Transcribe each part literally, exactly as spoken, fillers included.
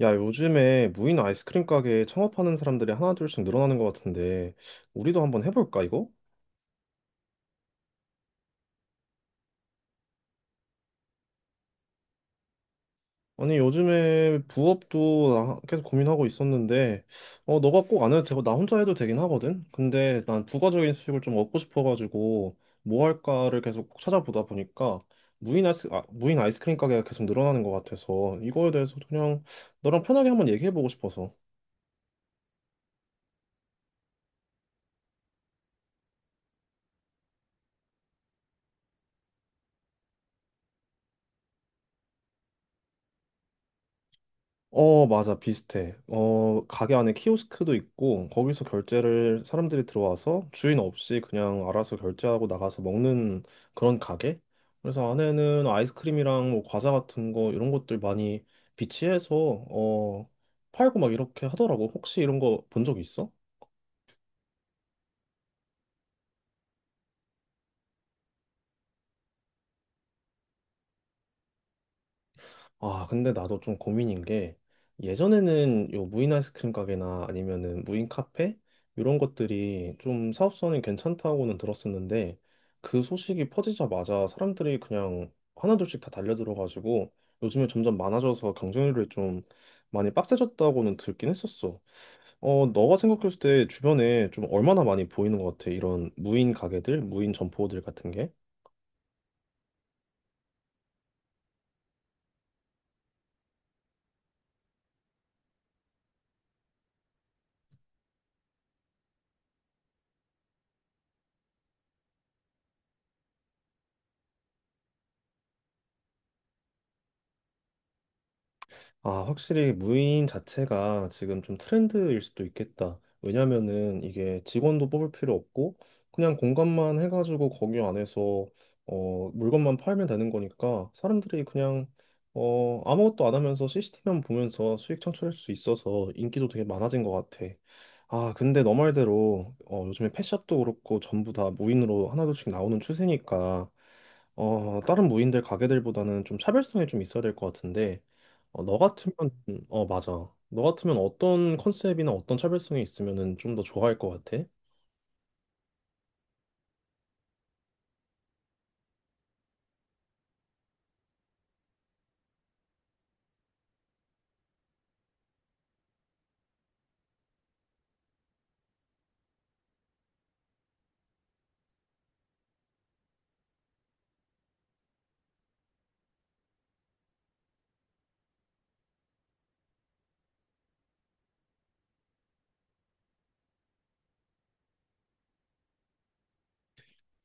야, 요즘에 무인 아이스크림 가게 창업하는 사람들이 하나둘씩 늘어나는 것 같은데, 우리도 한번 해볼까, 이거? 아니, 요즘에 부업도 나 계속 고민하고 있었는데, 어, 너가 꼭 안 해도 되고, 나 혼자 해도 되긴 하거든? 근데 난 부가적인 수익을 좀 얻고 싶어가지고, 뭐 할까를 계속 찾아보다 보니까, 무인 아이스, 아, 무인 아이스크림 가게가 계속 늘어나는 것 같아서, 이거에 대해서 그냥 너랑 편하게 한번 얘기해보고 싶어서. 어, 맞아. 비슷해. 어, 가게 안에 키오스크도 있고, 거기서 결제를 사람들이 들어와서 주인 없이 그냥 알아서 결제하고 나가서 먹는 그런 가게? 그래서 안에는 아이스크림이랑 뭐 과자 같은 거, 이런 것들 많이 비치해서, 어, 팔고 막 이렇게 하더라고. 혹시 이런 거 본 적 있어? 아, 근데 나도 좀 고민인 게 예전에는 요 무인 아이스크림 가게나 아니면은 무인 카페 이런 것들이 좀 사업성이 괜찮다고는 들었었는데 그 소식이 퍼지자마자 사람들이 그냥 하나둘씩 다 달려들어가지고 요즘에 점점 많아져서 경쟁률이 좀 많이 빡세졌다고는 듣긴 했었어. 어, 너가 생각했을 때 주변에 좀 얼마나 많이 보이는 것 같아? 이런 무인 가게들, 무인 점포들 같은 게? 아, 확실히 무인 자체가 지금 좀 트렌드일 수도 있겠다. 왜냐면은 이게 직원도 뽑을 필요 없고 그냥 공간만 해가지고 거기 안에서 어, 물건만 팔면 되는 거니까 사람들이 그냥 어, 아무것도 안 하면서 씨씨티비만 보면서 수익 창출할 수 있어서 인기도 되게 많아진 것 같아. 아, 근데 너 말대로 어, 요즘에 펫샵도 그렇고 전부 다 무인으로 하나둘씩 나오는 추세니까 어, 다른 무인들 가게들보다는 좀 차별성이 좀 있어야 될 것 같은데 어, 너 같으면 어 맞아. 너 같으면 어떤 컨셉이나 어떤 차별성이 있으면은 좀 더 좋아할 것 같아?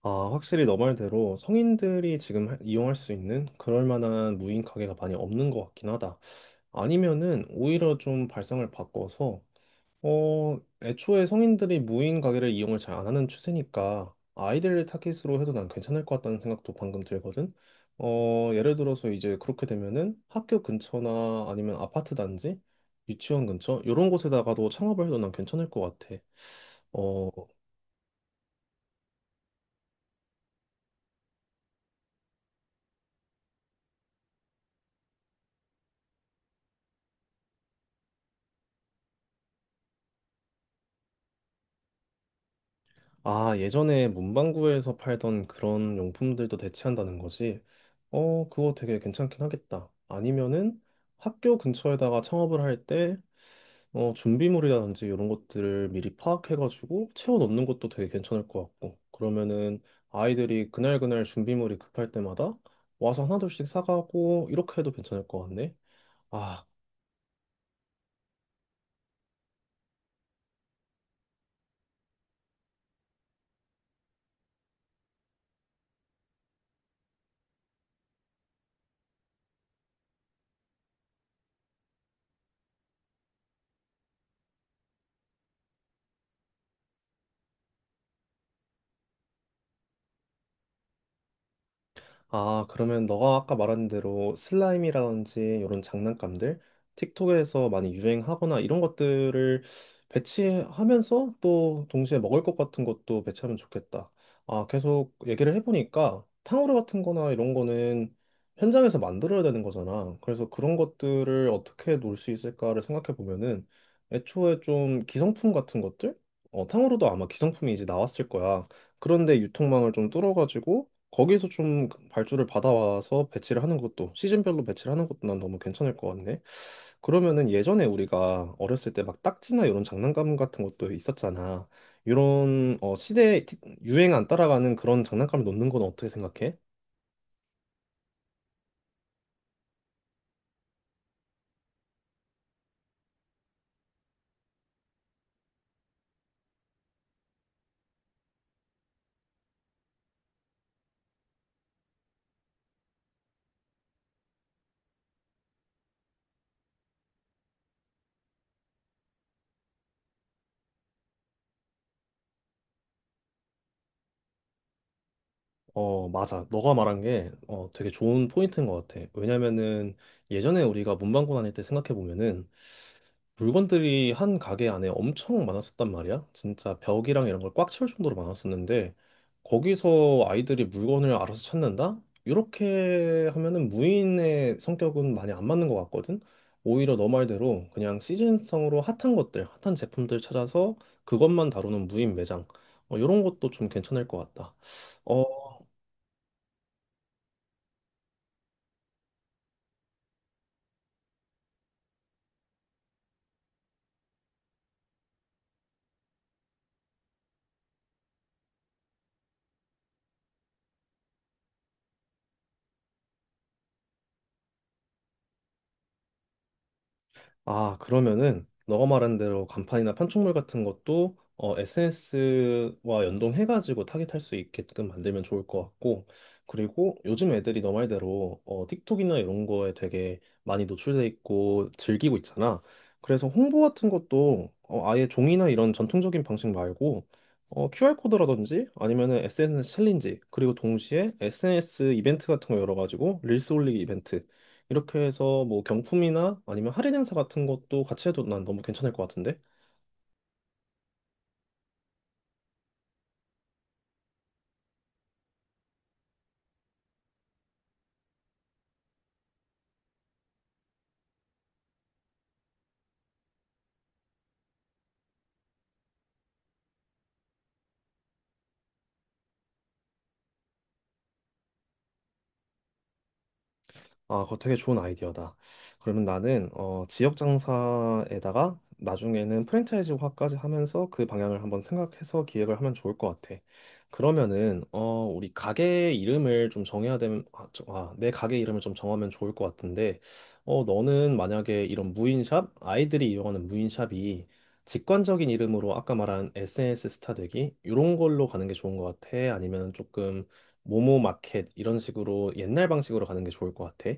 아, 확실히 너 말대로 성인들이 지금 하- 이용할 수 있는 그럴 만한 무인 가게가 많이 없는 것 같긴 하다. 아니면은 오히려 좀 발상을 바꿔서 어, 애초에 성인들이 무인 가게를 이용을 잘 안 하는 추세니까 아이들 타깃으로 해도 난 괜찮을 것 같다는 생각도 방금 들거든. 어, 예를 들어서 이제 그렇게 되면은 학교 근처나 아니면 아파트 단지, 유치원 근처 이런 곳에다가도 창업을 해도 난 괜찮을 것 같아. 어, 아, 예전에 문방구에서 팔던 그런 용품들도 대체한다는 거지. 어, 그거 되게 괜찮긴 하겠다. 아니면은 학교 근처에다가 창업을 할때 어, 준비물이라든지 이런 것들을 미리 파악해가지고 채워 넣는 것도 되게 괜찮을 것 같고, 그러면은 아이들이 그날그날 준비물이 급할 때마다 와서 하나둘씩 사가고, 이렇게 해도 괜찮을 것 같네. 아, 아, 그러면 너가 아까 말한 대로 슬라임이라든지 이런 장난감들, 틱톡에서 많이 유행하거나 이런 것들을 배치하면서 또 동시에 먹을 것 같은 것도 배치하면 좋겠다. 아, 계속 얘기를 해보니까 탕후루 같은 거나 이런 거는 현장에서 만들어야 되는 거잖아. 그래서 그런 것들을 어떻게 놓을 수 있을까를 생각해 보면은 애초에 좀 기성품 같은 것들? 어, 탕후루도 아마 기성품이 이제 나왔을 거야. 그런데 유통망을 좀 뚫어가지고 거기서 좀 발주를 받아와서 배치를 하는 것도 시즌별로 배치를 하는 것도 난 너무 괜찮을 것 같네. 그러면은 예전에 우리가 어렸을 때 막 딱지나 이런 장난감 같은 것도 있었잖아. 이런 어 시대 유행 안 따라가는 그런 장난감을 놓는 건 어떻게 생각해? 어 맞아. 너가 말한 게 어 되게 좋은 포인트인 것 같아. 왜냐면은 예전에 우리가 문방구 다닐 때 생각해 보면은 물건들이 한 가게 안에 엄청 많았었단 말이야. 진짜 벽이랑 이런 걸 꽉 채울 정도로 많았었는데 거기서 아이들이 물건을 알아서 찾는다? 이렇게 하면은 무인의 성격은 많이 안 맞는 것 같거든. 오히려 너 말대로 그냥 시즌성으로 핫한 것들, 핫한 제품들 찾아서 그것만 다루는 무인 매장. 어, 이런 것도 좀 괜찮을 것 같다. 어, 아, 그러면은 너가 말한 대로 간판이나 판촉물 같은 것도 어, 에스엔에스와 연동해가지고 타겟할 수 있게끔 만들면 좋을 것 같고, 그리고 요즘 애들이 너 말대로 어, 틱톡이나 이런 거에 되게 많이 노출돼 있고 즐기고 있잖아. 그래서 홍보 같은 것도 어, 아예 종이나 이런 전통적인 방식 말고 어, 큐알코드라든지 아니면은 에스엔에스 챌린지, 그리고 동시에 에스엔에스 이벤트 같은 거 열어가지고 릴스 올리기 이벤트 이렇게 해서 뭐 경품이나 아니면 할인 행사 같은 것도 같이 해도 난 너무 괜찮을 것 같은데? 아, 그거 되게 좋은 아이디어다. 그러면 나는 어, 지역 장사에다가 나중에는 프랜차이즈화까지 하면서 그 방향을 한번 생각해서 기획을 하면 좋을 것 같아. 그러면은 어, 우리 가게 이름을 좀 정해야 되면 아, 저- 아, 내 가게 이름을 좀 정하면 좋을 것 같은데 어, 너는 만약에 이런 무인샵 아이들이 이용하는 무인샵이 직관적인 이름으로 아까 말한 에스엔에스 스타 되기 이런 걸로 가는 게 좋은 것 같아? 아니면 조금 모모 마켓 이런 식으로 옛날 방식으로 가는 게 좋을 것 같아?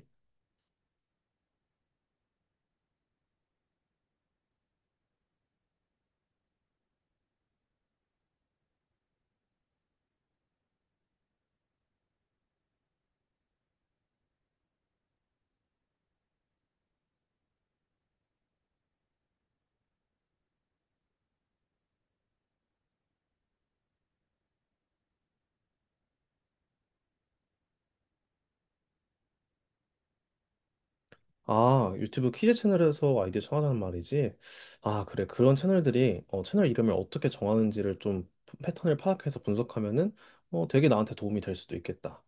아, 유튜브 키즈 채널에서 아이디어 정하자는 말이지. 아, 그래. 그런 채널들이 어, 채널 이름을 어떻게 정하는지를 좀 패턴을 파악해서 분석하면은 어, 되게 나한테 도움이 될 수도 있겠다.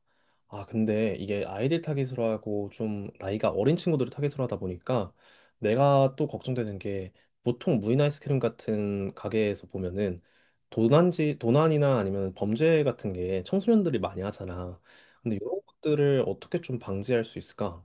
아, 근데 이게 아이들 타깃으로 하고 좀 나이가 어린 친구들을 타깃으로 하다 보니까 내가 또 걱정되는 게 보통 무인 아이스크림 같은 가게에서 보면은 도난지, 도난이나 아니면 범죄 같은 게 청소년들이 많이 하잖아. 근데 이런 것들을 어떻게 좀 방지할 수 있을까?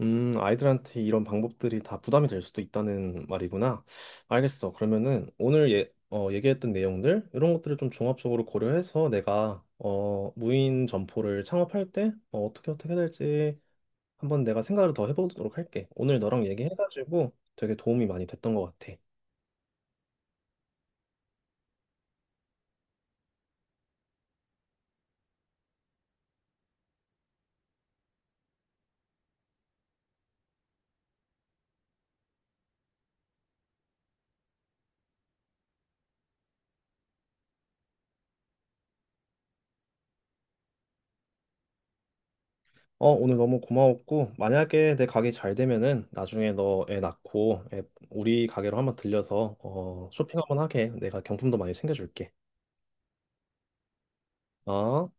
음, 아이들한테 이런 방법들이 다 부담이 될 수도 있다는 말이구나. 알겠어. 그러면은 오늘 예, 어, 얘기했던 내용들, 이런 것들을 좀 종합적으로 고려해서 내가 어, 무인 점포를 창업할 때 어, 떻게 어떻게 해야 될지 한번 내가 생각을 더 해보도록 할게. 오늘 너랑 얘기해가지고 되게 도움이 많이 됐던 것 같아. 어, 오늘 너무 고마웠고, 만약에 내 가게 잘 되면은 나중에 너 애 낳고 애- 우리 가게로 한번 들려서 어, 쇼핑 한번 하게. 내가 경품도 많이 챙겨줄게. 어?